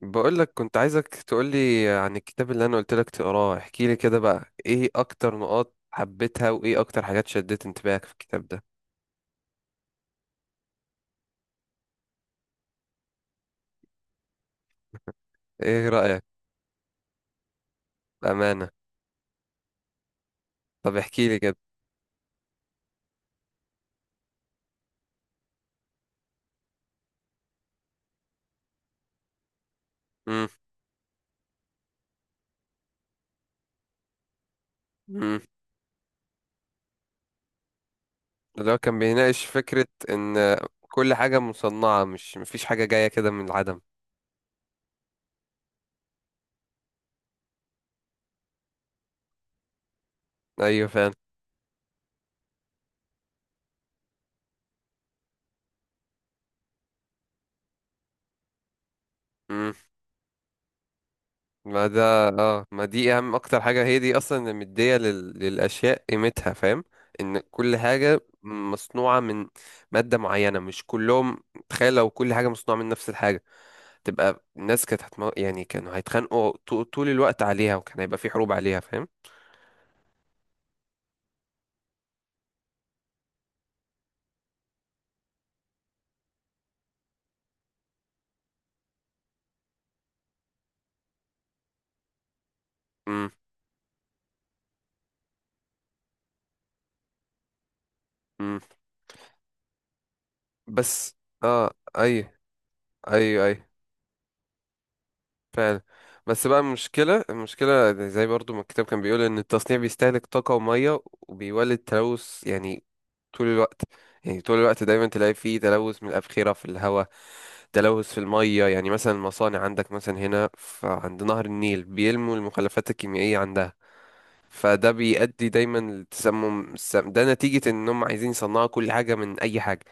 بقولك كنت عايزك تقولي عن الكتاب اللي انا قلتلك تقراه. احكيلي كده بقى، ايه اكتر نقاط حبيتها وايه اكتر حاجات شدت انتباهك في الكتاب ده؟ ايه رأيك بأمانة؟ طب احكيلي كده. امم امم اللي هو كان بيناقش فكرة ان كل حاجة مصنعة، مش مفيش حاجة جاية كده من العدم. ايوه فعلا. ما ده اه، ما دي اهم اكتر حاجة، هي دي اصلا اللي مدية للاشياء قيمتها، فاهم؟ ان كل حاجة مصنوعة من مادة معينة، مش كلهم. تخيل لو كل حاجة مصنوعة من نفس الحاجة، تبقى الناس كانت يعني كانوا هيتخانقوا طول الوقت عليها، وكان هيبقى في حروب عليها، فاهم؟ امم امم بس. اه، ايوه، ايوه، ايوه، فعلا. بس بقى المشكلة، زي برضو ما الكتاب كان بيقول إن التصنيع بيستهلك طاقة ومية وبيولد تلوث، يعني طول الوقت. يعني طول الوقت دايما تلاقي فيه تلوث من الأبخرة في الهواء، تلوث في المية، يعني مثلا المصانع عندك مثلا هنا عند نهر النيل بيلموا المخلفات الكيميائية عندها. فده بيؤدي دايما لتسمم. السم ده نتيجة إنهم عايزين يصنعوا كل حاجة من أي حاجة.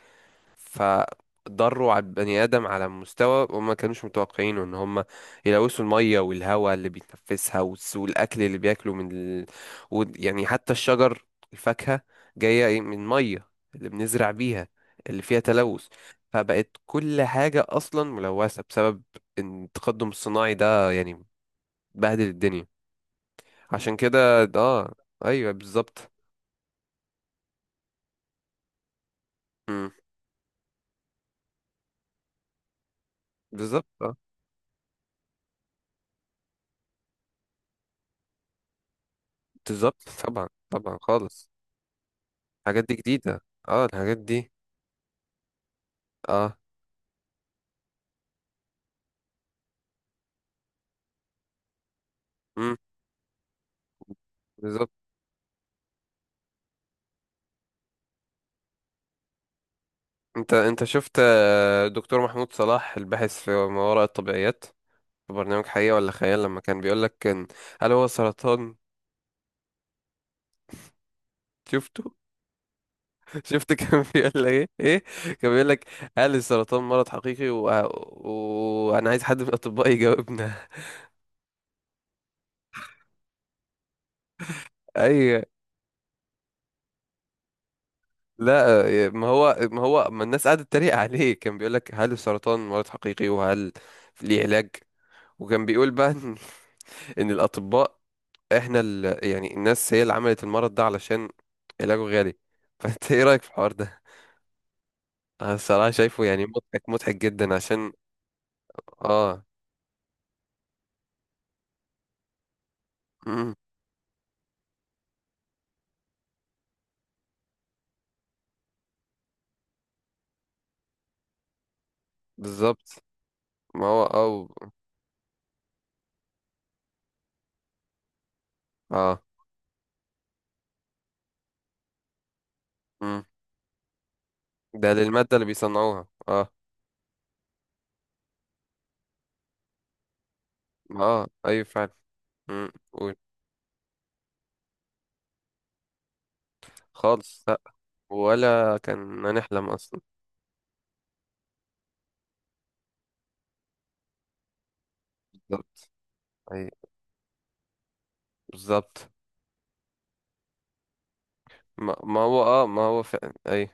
فضروا على البني آدم على مستوى وما كانوش متوقعينه، ان هم يلوثوا المية والهواء اللي بيتنفسها، والاكل اللي بياكله يعني حتى الشجر، الفاكهة جاية إيه؟ من مية اللي بنزرع بيها، اللي فيها تلوث. فبقت كل حاجة أصلا ملوثة بسبب إن التقدم الصناعي ده يعني بهدل الدنيا. عشان كده اه. ايوه بالظبط. مم، بالظبط اه. بالظبط طبعا طبعا خالص. الحاجات دي جديدة، اه الحاجات دي اه. امم بالظبط. انت شفت آه، دكتور محمود صلاح الباحث في ما وراء الطبيعيات، في برنامج حقيقة ولا خيال، لما كان بيقول لك، كان هل هو سرطان؟ شفته؟ شفت كان بيقول لك ايه ايه؟ كان بيقول لك هل السرطان مرض حقيقي و- وانا عايز حد من الاطباء يجاوبنا. اي. لا. آه، ما هو ما الناس قعدت تتريق عليه، كان بيقول لك هل السرطان مرض حقيقي وهل ليه علاج، وكان بيقول بقى ان إن الاطباء احنا يعني الناس هي اللي عملت المرض ده علشان علاجه غالي. فانت ايه رأيك في الحوار ده؟ انا الصراحة شايفه يعني مضحك، مضحك جدا، عشان اه. مم. بالظبط. ما هو او اه. مم. ده للمادة اللي بيصنعوها اه. اه ايوه فعلا. مم. قول. خالص لا. ولا كان هنحلم اصلا. بالظبط اي. بالظبط. ما هو اه، ما هو فعلا اي.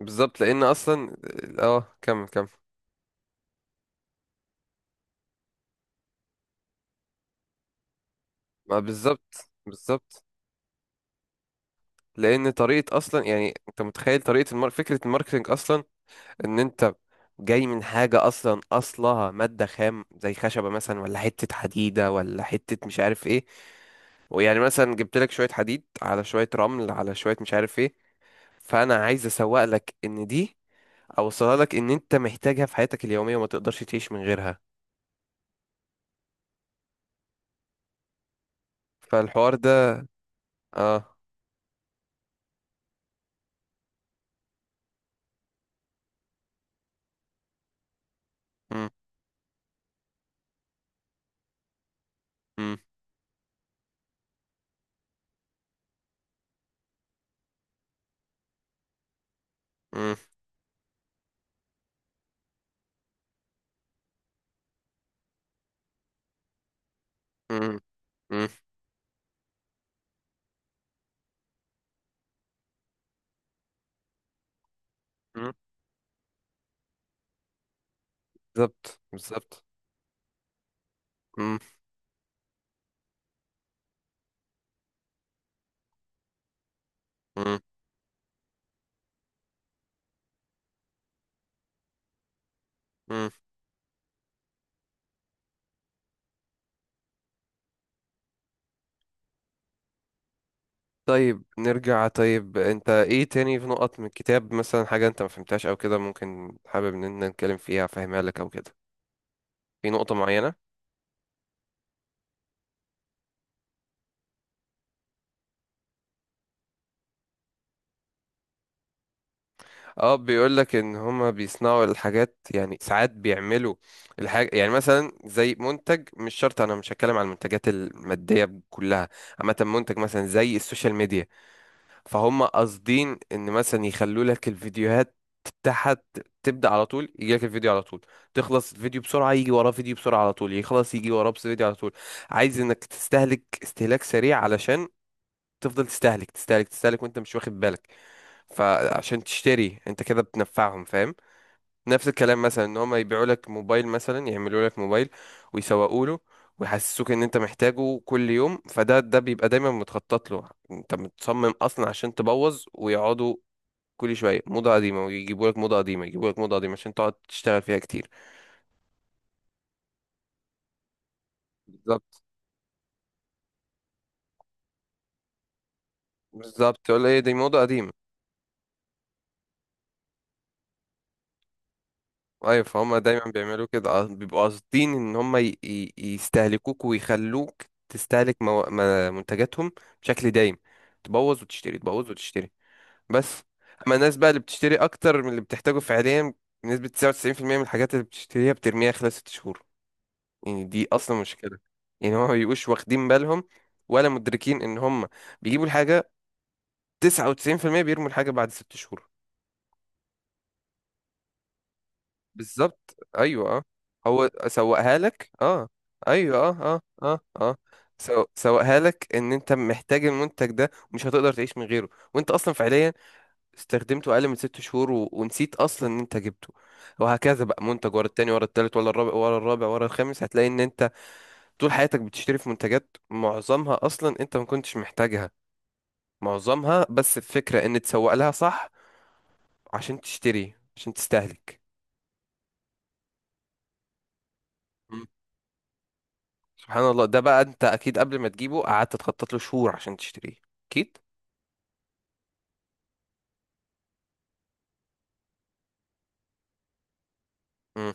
بالظبط، لان اصلا اه، كمل كمل. ما بالظبط بالظبط. لان طريقه اصلا يعني انت متخيل طريقه فكره الماركتنج اصلا؟ ان انت جاي من حاجه اصلا اصلها ماده خام، زي خشبه مثلا ولا حته حديده ولا حته مش عارف ايه. ويعني مثلا جبت لك شويه حديد على شويه رمل على شويه مش عارف ايه، فانا عايز اسوق لك ان دي، اوصلها لك ان انت محتاجها في حياتك اليوميه وما تقدرش تعيش من غيرها. فالحوار ده اه. مم، مم، مم، مم، مم، مم. بالظبط بالظبط. مم، مم، مم. طيب نرجع. طيب انت ايه تاني في نقط من الكتاب مثلا؟ حاجة انت ما فهمتهاش او كده ممكن حابب ان احنا نتكلم فيها، فاهمها لك او كده؟ في نقطة معينة؟ اه، بيقول لك ان هما بيصنعوا الحاجات، يعني ساعات بيعملوا الحاجة، يعني مثلا زي منتج. مش شرط انا مش هتكلم على المنتجات المادية كلها، عامة منتج مثلا زي السوشيال ميديا. فهم قاصدين ان مثلا يخلوا لك الفيديوهات تحت تبدأ على طول، يجي لك الفيديو على طول، تخلص الفيديو بسرعة يجي وراه فيديو بسرعة على طول، يخلص يجي وراه بس فيديو على طول. عايز انك تستهلك استهلاك سريع، علشان تفضل تستهلك تستهلك تستهلك وانت مش واخد بالك. فعشان تشتري انت كده بتنفعهم، فاهم؟ نفس الكلام مثلا، ان هم يبيعوا لك موبايل، مثلا يعملوا لك موبايل ويسوقوا له ويحسسوك ان انت محتاجه كل يوم، فده بيبقى دايما متخطط له. انت متصمم اصلا عشان تبوظ، ويقعدوا كل شويه موضه قديمه ويجيبوا لك موضه قديمه، يجيبوا لك موضه قديمه عشان تقعد تشتغل فيها كتير. بالظبط بالظبط، تقول ايه دي موضه قديمه. ايوه فهم دايما بيعملوا كده. آه، بيبقوا قاصدين ان هم يستهلكوك ويخلوك تستهلك مو... ما- منتجاتهم بشكل دايم، تبوظ وتشتري، تبوظ وتشتري، بس. اما الناس بقى اللي بتشتري اكتر من اللي بتحتاجه فعليا، بنسبة 99% من الحاجات اللي بتشتريها بترميها خلال 6 شهور. يعني دي اصلا مشكلة. يعني هما ما بيبقوش واخدين بالهم ولا مدركين ان هما بيجيبوا الحاجة 99% بيرموا الحاجة بعد 6 شهور. بالظبط ايوه اه. هو سوقها لك اه. ايوه، اه، اه، اه، اه. سوقها لك ان انت محتاج المنتج ده ومش هتقدر تعيش من غيره، وانت اصلا فعليا استخدمته اقل من 6 شهور، و... ونسيت اصلا ان انت جبته. وهكذا بقى منتج ورا التاني ورا التالت ورا الرابع ورا الخامس. هتلاقي ان انت طول حياتك بتشتري في منتجات معظمها اصلا انت ما كنتش محتاجها، معظمها بس الفكرة ان تسوق لها صح، عشان تشتري عشان تستهلك. مم. سبحان الله، ده بقى انت اكيد قبل ما تجيبه قعدت تخطط له شهور عشان تشتريه، اكيد. مم.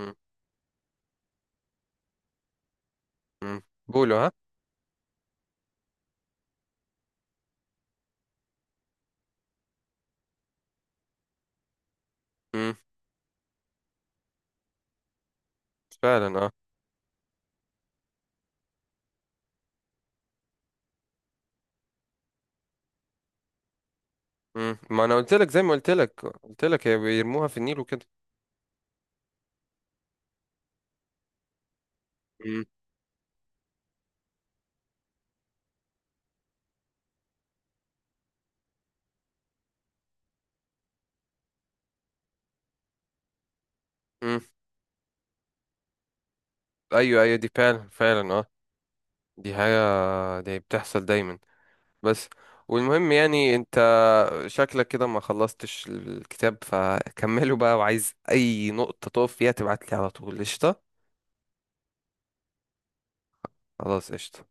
مم. مم. بولو ها. مم. فعلا اه. مم. ما انا قلت لك، زي ما قلت لك هي بيرموها في النيل وكده. مم. مم. ايوه ايوه، دي فعلا فعلا اه. دي حاجة، دي بتحصل دايما بس. والمهم يعني انت شكلك كده ما خلصتش الكتاب، فكمله بقى. وعايز اي نقطة تقف فيها تبعت لي على طول، قشطة؟ خلاص قشطة.